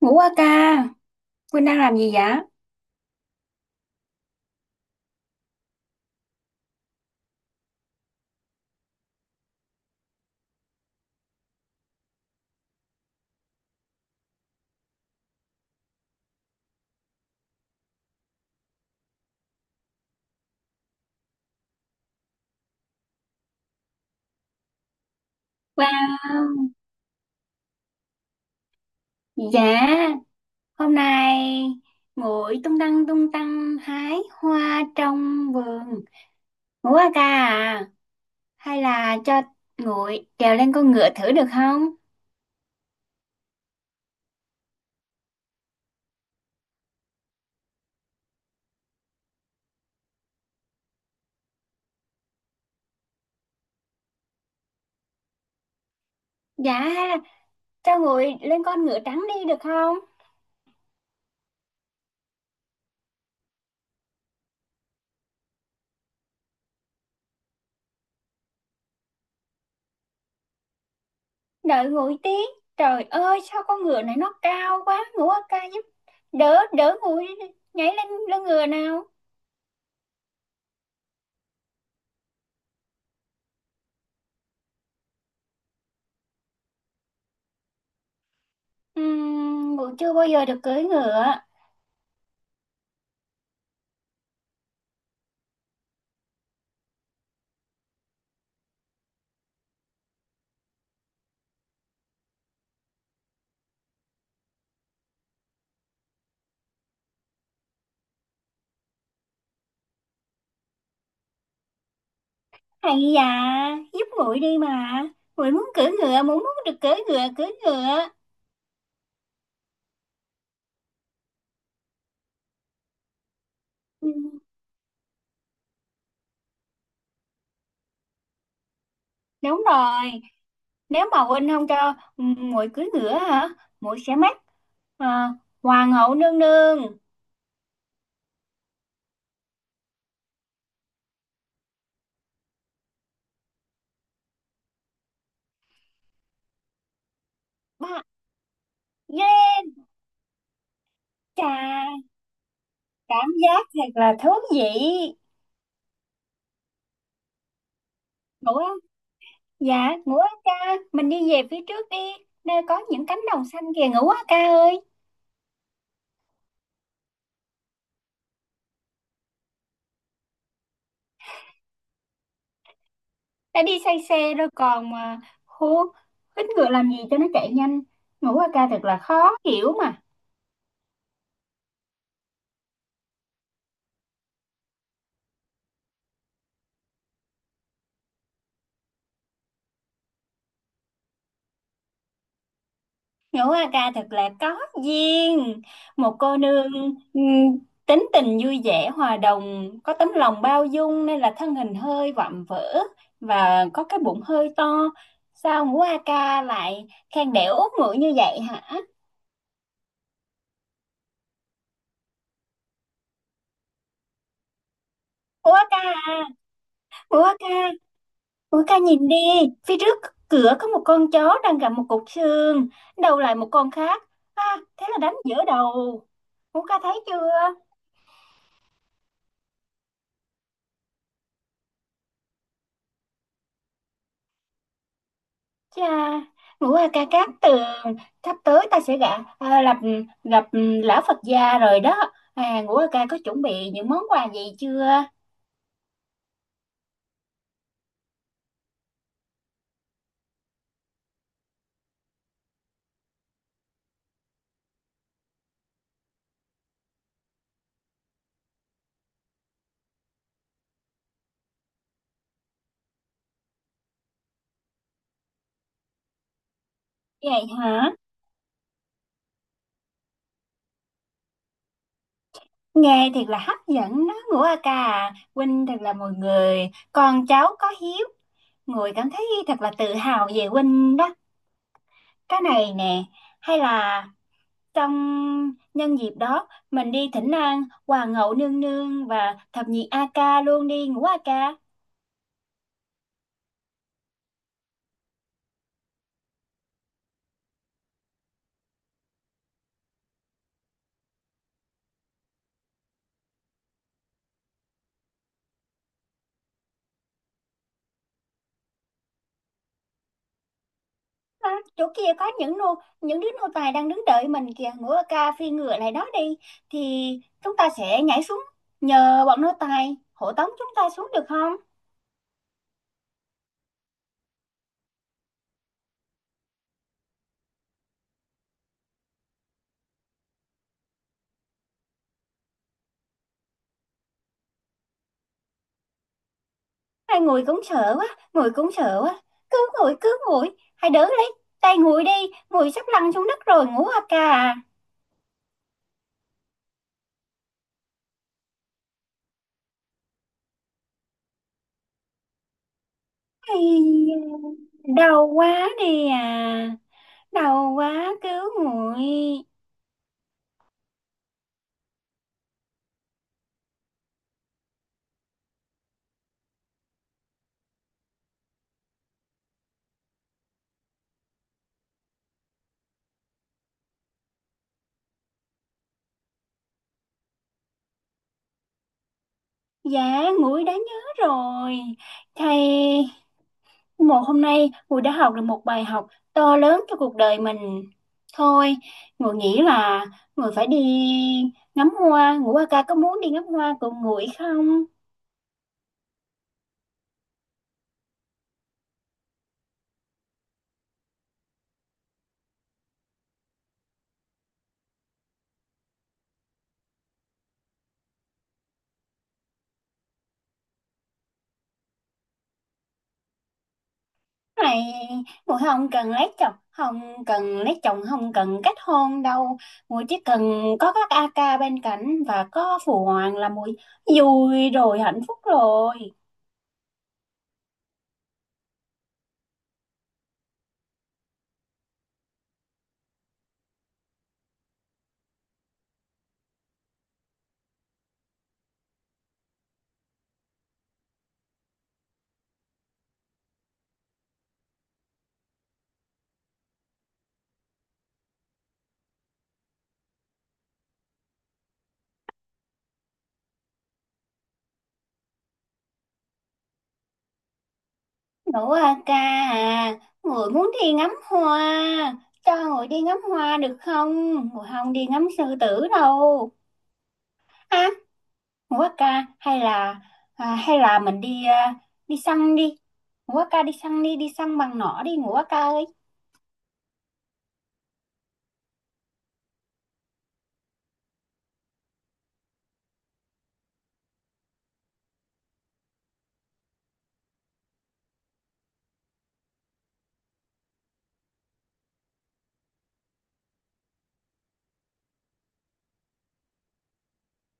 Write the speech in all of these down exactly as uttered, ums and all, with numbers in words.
Ngủ qua ca, Quynh đang làm gì vậy? Wow, dạ, hôm nay ngồi tung tăng tung tăng hái hoa trong vườn. Ngủ qua ca à? Hay là cho nguội trèo lên con ngựa thử được không? Dạ, hay là cho nguội lên con ngựa trắng đi được không? Đợi nguội tí. Trời ơi, sao con ngựa này nó cao quá. Ngủ qua ca giúp đỡ, đỡ nguội nhảy lên lưng ngựa nào. Ừm, nguội chưa bao giờ được cưỡi ngựa. Hay da, giúp muội đi mà. Muội muốn cưỡi ngựa, muội muốn được cưỡi ngựa, cưỡi ngựa. Ừ, đúng rồi, nếu mà huynh không cho ừ, muội cưỡi ngựa hả? Muội sẽ mất à, hoàng hậu nương nương. Ba, yeah, chà, cảm giác thật là thú vị. Ngủ á, dạ, ngủ á ca, mình đi về phía trước đi. Nơi có những cánh đồng xanh kìa, ngủ á ca ơi. Đã đi say xe rồi còn mà hú hít ngựa làm gì cho nó chạy nhanh. Ngũ a ca thật là khó hiểu mà. Ngũ A Ca thật là có duyên. Một cô nương, ừm, tính tình vui vẻ hòa đồng, có tấm lòng bao dung nên là thân hình hơi vạm vỡ và có cái bụng hơi to. Sao Ngũ A Ca lại khen đẻ út ngựa như vậy hả? Ngũ A Ca, Ngũ A Ca, ủa ca nhìn đi, phía trước cửa có một con chó đang gặm một cục xương, đầu lại một con khác. À, thế là đánh giữa đầu. Ngũ ca thấy chưa? Chà, ngũ ca ca cát tường, sắp tới ta sẽ gặp, à, gặp, gặp lão Phật gia rồi đó. À, ngũ ca ca có chuẩn bị những món quà gì chưa? Vậy hả? Nghe thiệt là hấp dẫn đó, ngũ ca ca. À. Huynh thật là một người, con cháu có hiếu. Người cảm thấy thật là tự hào về Huynh đó. Cái này nè, hay là trong nhân dịp đó, mình đi Thỉnh An, Hoàng hậu nương nương và thập nhị A ca luôn đi Ngũ A ca. À, chỗ kia có những nô những đứa nô tài đang đứng đợi mình kìa, Ngũ A ca phi ngựa lại đó đi thì chúng ta sẽ nhảy xuống, nhờ bọn nô tài hộ tống chúng ta xuống được không? Hai người cũng sợ quá, người cũng sợ quá. Cứ ngồi cứ ngồi, hãy đỡ lấy tay ngồi đi, ngồi sắp lăn xuống đất rồi Ngũ A ca. Ai, đau quá đi à. Đau quá cứu nguội. Dạ, nguội đã nhớ rồi. Thầy, một hôm nay nguội đã học được một bài học to lớn cho cuộc đời mình. Thôi, nguội nghĩ là nguội phải đi ngắm hoa. Ngũ ca có muốn đi ngắm hoa cùng nguội không? Này, nguội không cần lấy chồng, không cần lấy chồng, không cần kết hôn đâu. Nguội chỉ cần có các a ca bên cạnh và có phụ hoàng là nguội vui rồi, hạnh phúc rồi. Nữ à ca à, người muốn đi ngắm hoa, cho người đi ngắm hoa được không? Người không đi ngắm sư tử đâu. À, nữ à ca, hay là à, hay là mình đi à, đi săn đi. Nữ à ca đi săn đi, đi săn bằng nỏ đi nữ à ca ơi.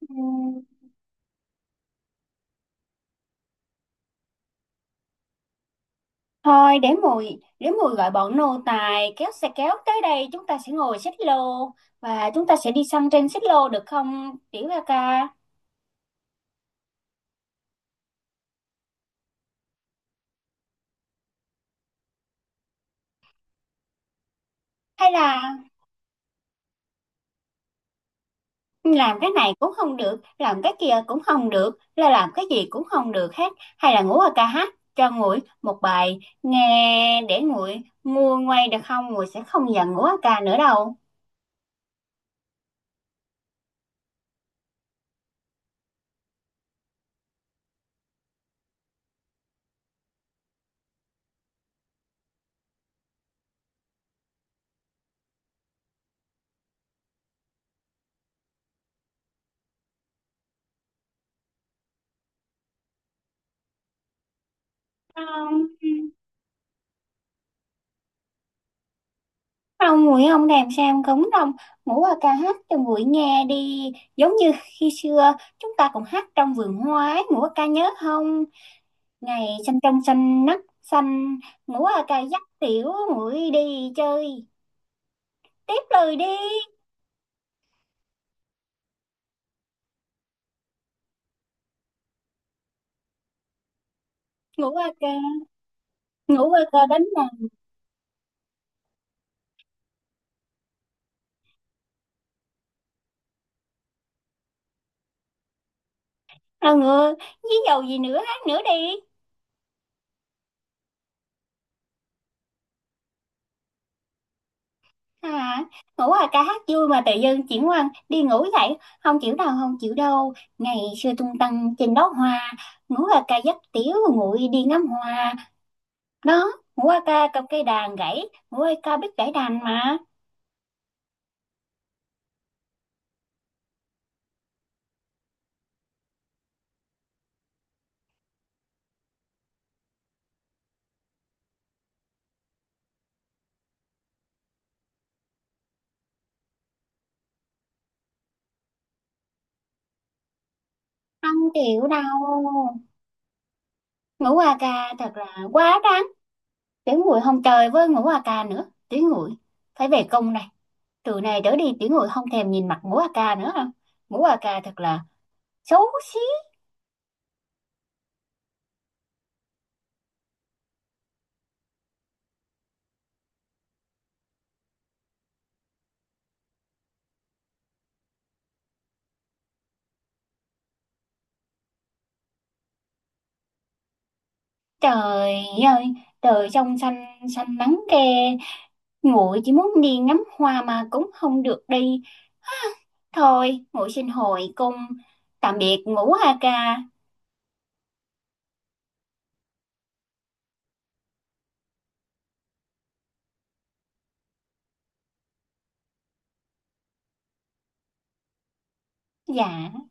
Ừ, thôi để mùi, để mùi gọi bọn nô tài kéo xe kéo tới đây, chúng ta sẽ ngồi xích lô và chúng ta sẽ đi săn trên xích lô được không? Tiểu ca ca. Hay là làm cái này cũng không được, làm cái kia cũng không được, là làm cái gì cũng không được hết, hay là ngủ ở ca hát cho nguội một bài nghe để nguội nguôi ngoai được không? Nguội sẽ không giận ngủ ở ca nữa đâu. Không không, nguội không thèm sang cống đâu. Ngủ ở ca hát cho nguội nghe đi, giống như khi xưa chúng ta cũng hát trong vườn hoa ấy, ngủ ở ca nhớ không? Ngày xanh trong xanh nắng xanh, ngủ ở ca dắt tiểu nguội đi chơi, tiếp lời đi. Ngủ ở ca, ngủ qua ca đánh nè. À ngựa với dầu gì nữa, hát nữa đi. À, ngủ qua ca hát vui mà tự dưng chuyển qua đi ngủ dậy, không chịu đâu không chịu đâu. Ngày xưa tung tăng trên đó hoa, ngủ qua ca dắt tiểu nguội đi ngắm hoa đó. Ngủ qua ca cầm cây đàn gãy, ngủ qua ca biết gãy đàn mà. Không chịu đâu Ngủ qua ca thật là quá đáng. Tiểu nguội không chơi với ngủ qua ca nữa. Tiểu nguội phải về công này. Từ này trở đi tiểu người không thèm nhìn mặt ngũ a ca nữa hả. Ngũ a ca thật là xấu xí. Trời ơi, trời trong xanh, xanh nắng ke, muội chỉ muốn đi ngắm hoa mà cũng không được đi. Thôi muội xin hồi cung, tạm biệt ngũ a ca. Dạ.